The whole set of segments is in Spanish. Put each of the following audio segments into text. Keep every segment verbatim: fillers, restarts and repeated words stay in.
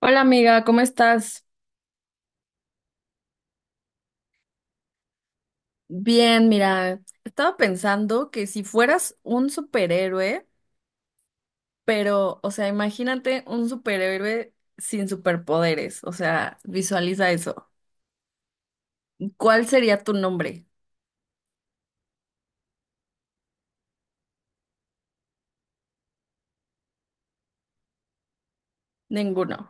Hola amiga, ¿cómo estás? Bien, mira, estaba pensando que si fueras un superhéroe, pero, o sea, imagínate un superhéroe sin superpoderes, o sea, visualiza eso. ¿Cuál sería tu nombre? Ninguno.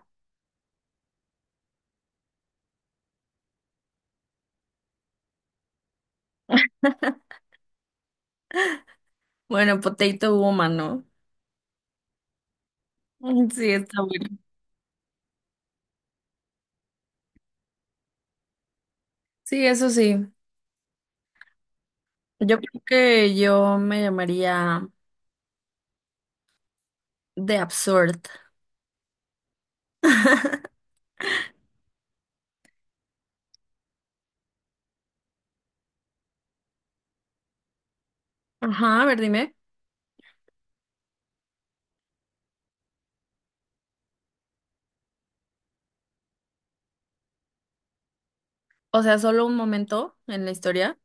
Bueno, Potato Woman, ¿no? Mm, sí, está bueno. Sí, eso sí. Yo creo que yo me llamaría The Absurd. Ajá, a ver, dime. O sea, solo un momento en la historia.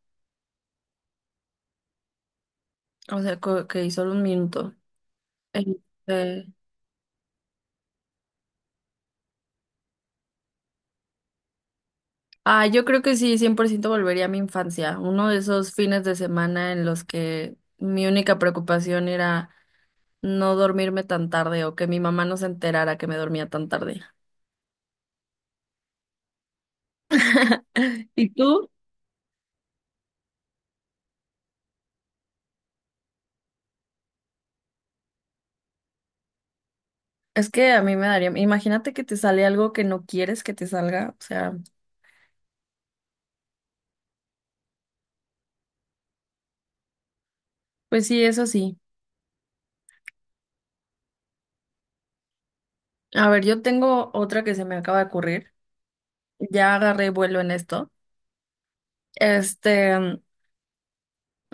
O sea, co- que solo un minuto. Este, ah, yo creo que sí, cien por ciento volvería a mi infancia, uno de esos fines de semana en los que mi única preocupación era no dormirme tan tarde o que mi mamá no se enterara que me dormía tan tarde. ¿Y tú? Es que a mí me daría, imagínate que te sale algo que no quieres que te salga, o sea, pues sí, eso sí. A ver, yo tengo otra que se me acaba de ocurrir, ya agarré vuelo en esto. Este,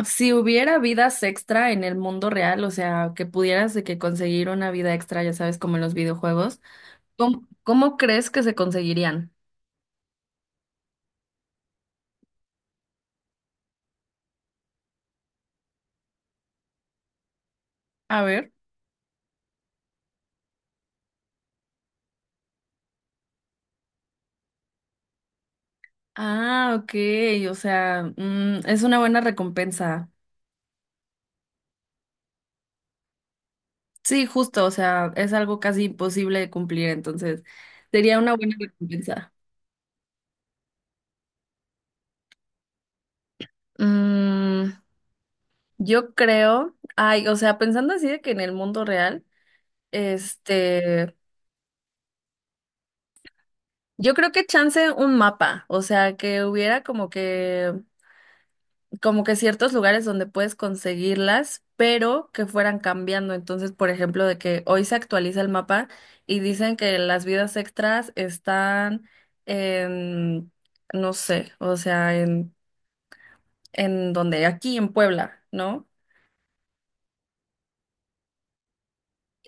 si hubiera vidas extra en el mundo real, o sea, que pudieras de que conseguir una vida extra, ya sabes, como en los videojuegos, ¿cómo, cómo crees que se conseguirían? A ver. Ah, ok, o sea, mm, es una buena recompensa. Sí, justo, o sea, es algo casi imposible de cumplir, entonces sería una buena recompensa. Mm, yo creo, ay, o sea, pensando así de que en el mundo real, este, yo creo que chance un mapa, o sea, que hubiera como que, como que ciertos lugares donde puedes conseguirlas, pero que fueran cambiando. Entonces, por ejemplo, de que hoy se actualiza el mapa y dicen que las vidas extras están en, no sé, o sea, en, en donde, aquí en Puebla, ¿no?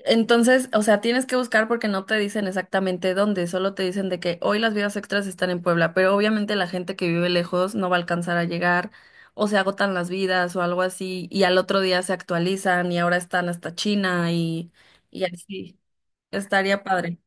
Entonces, o sea, tienes que buscar porque no te dicen exactamente dónde, solo te dicen de que hoy las vías extras están en Puebla, pero obviamente la gente que vive lejos no va a alcanzar a llegar, o se agotan las vidas o algo así, y al otro día se actualizan y ahora están hasta China y, y así. Estaría padre.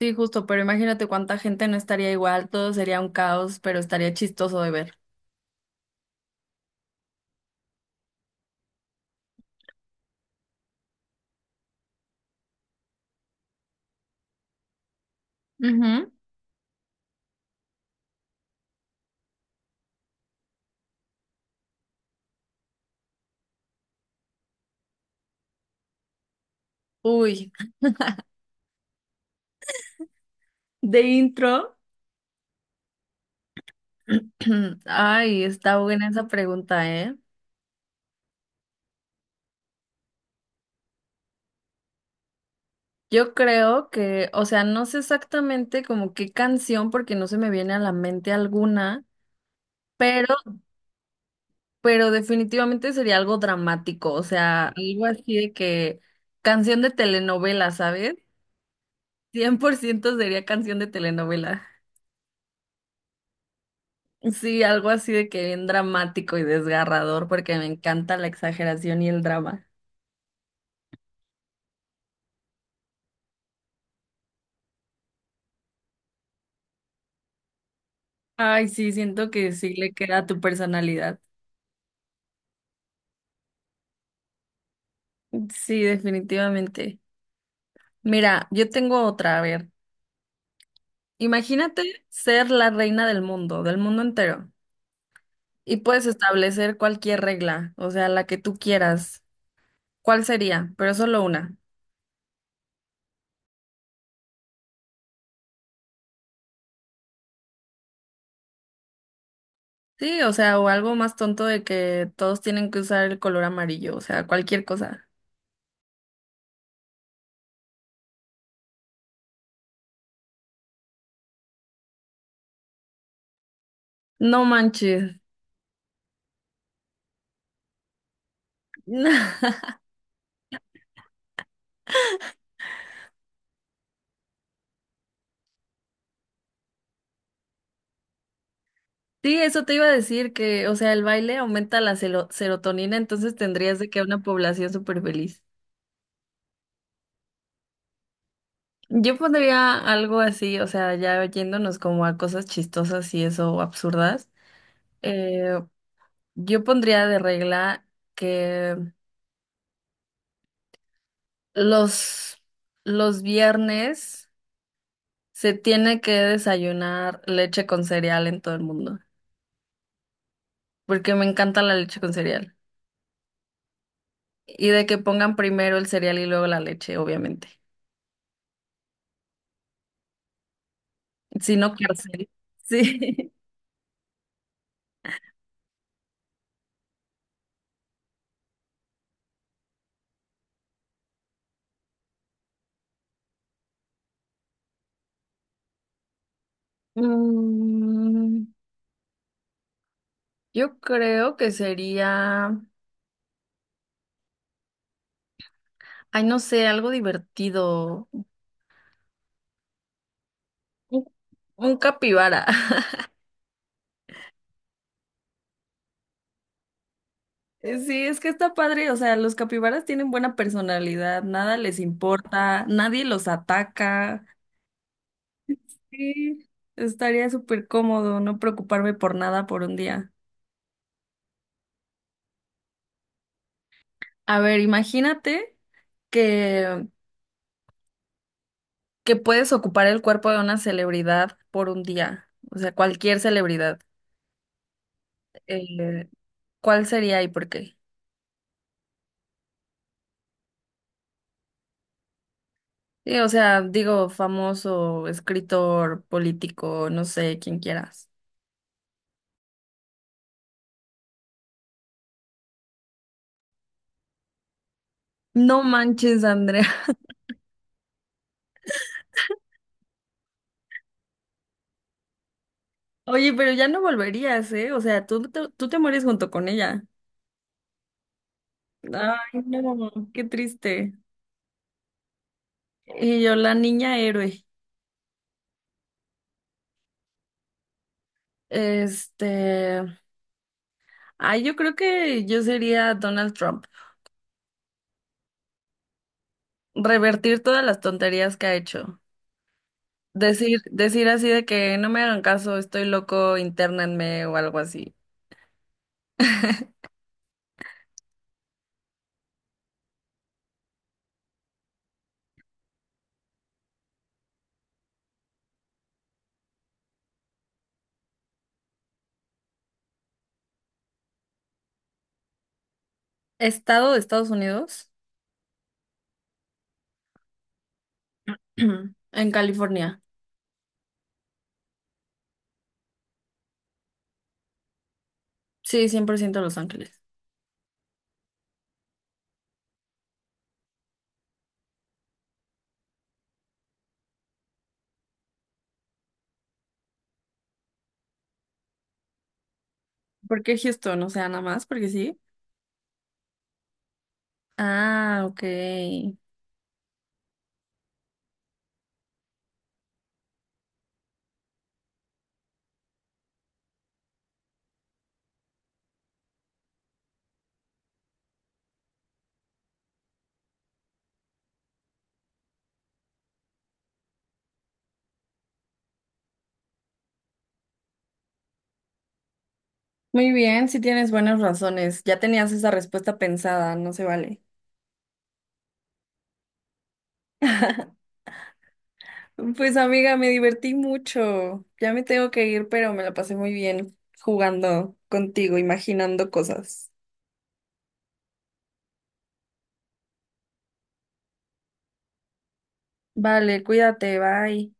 Sí, justo, pero imagínate cuánta gente no estaría igual, todo sería un caos, pero estaría chistoso de ver. Ujú. Uy, de intro. Ay, está buena esa pregunta, ¿eh? Yo creo que, o sea, no sé exactamente como qué canción, porque no se me viene a la mente alguna, pero, pero definitivamente sería algo dramático, o sea, algo así de que canción de telenovela, ¿sabes? Cien por ciento sería canción de telenovela. Sí, algo así de que bien dramático y desgarrador, porque me encanta la exageración y el drama. Ay, sí, siento que sí le queda a tu personalidad. Sí, definitivamente. Mira, yo tengo otra, a ver. Imagínate ser la reina del mundo, del mundo entero, y puedes establecer cualquier regla, o sea, la que tú quieras. ¿Cuál sería? Pero solo una. Sí, o sea, o algo más tonto de que todos tienen que usar el color amarillo, o sea, cualquier cosa. No manches. Sí, eso te iba a decir que, o sea, el baile aumenta la selo- serotonina, entonces tendrías de que una población súper feliz. Yo pondría algo así, o sea, ya yéndonos como a cosas chistosas y eso, o absurdas. Eh, yo pondría de regla que los, los viernes se tiene que desayunar leche con cereal en todo el mundo, porque me encanta la leche con cereal. Y de que pongan primero el cereal y luego la leche, obviamente. Si no, cárcel. Sí. Mm, yo creo que sería, ay, no sé, algo divertido. Un, un capibara. Eh, Sí, es que está padre, o sea, los capibaras tienen buena personalidad, nada les importa, nadie los ataca. Sí, estaría súper cómodo no preocuparme por nada por un día. A ver, imagínate que, que puedes ocupar el cuerpo de una celebridad por un día, o sea, cualquier celebridad. Eh, ¿cuál sería y por qué? Sí, o sea, digo, famoso, escritor, político, no sé, quien quieras. No manches, Andrea. Oye, pero ya no volverías, ¿eh? O sea, tú te, tú te mueres junto con ella. Ay, no, qué triste. Y yo, la niña héroe. Este, ay, yo creo que yo sería Donald Trump. Revertir todas las tonterías que ha hecho. Decir, decir así de que no me hagan caso, estoy loco, internenme o algo así. Estado de Estados Unidos, en California. Sí, cien por ciento Los Ángeles. ¿Por qué Houston? O sea, nada más, porque sí. Ah, ok. Muy bien, si tienes buenas razones. Ya tenías esa respuesta pensada, no se vale. Pues amiga, me divertí mucho. Ya me tengo que ir, pero me la pasé muy bien jugando contigo, imaginando cosas. Vale, cuídate, bye.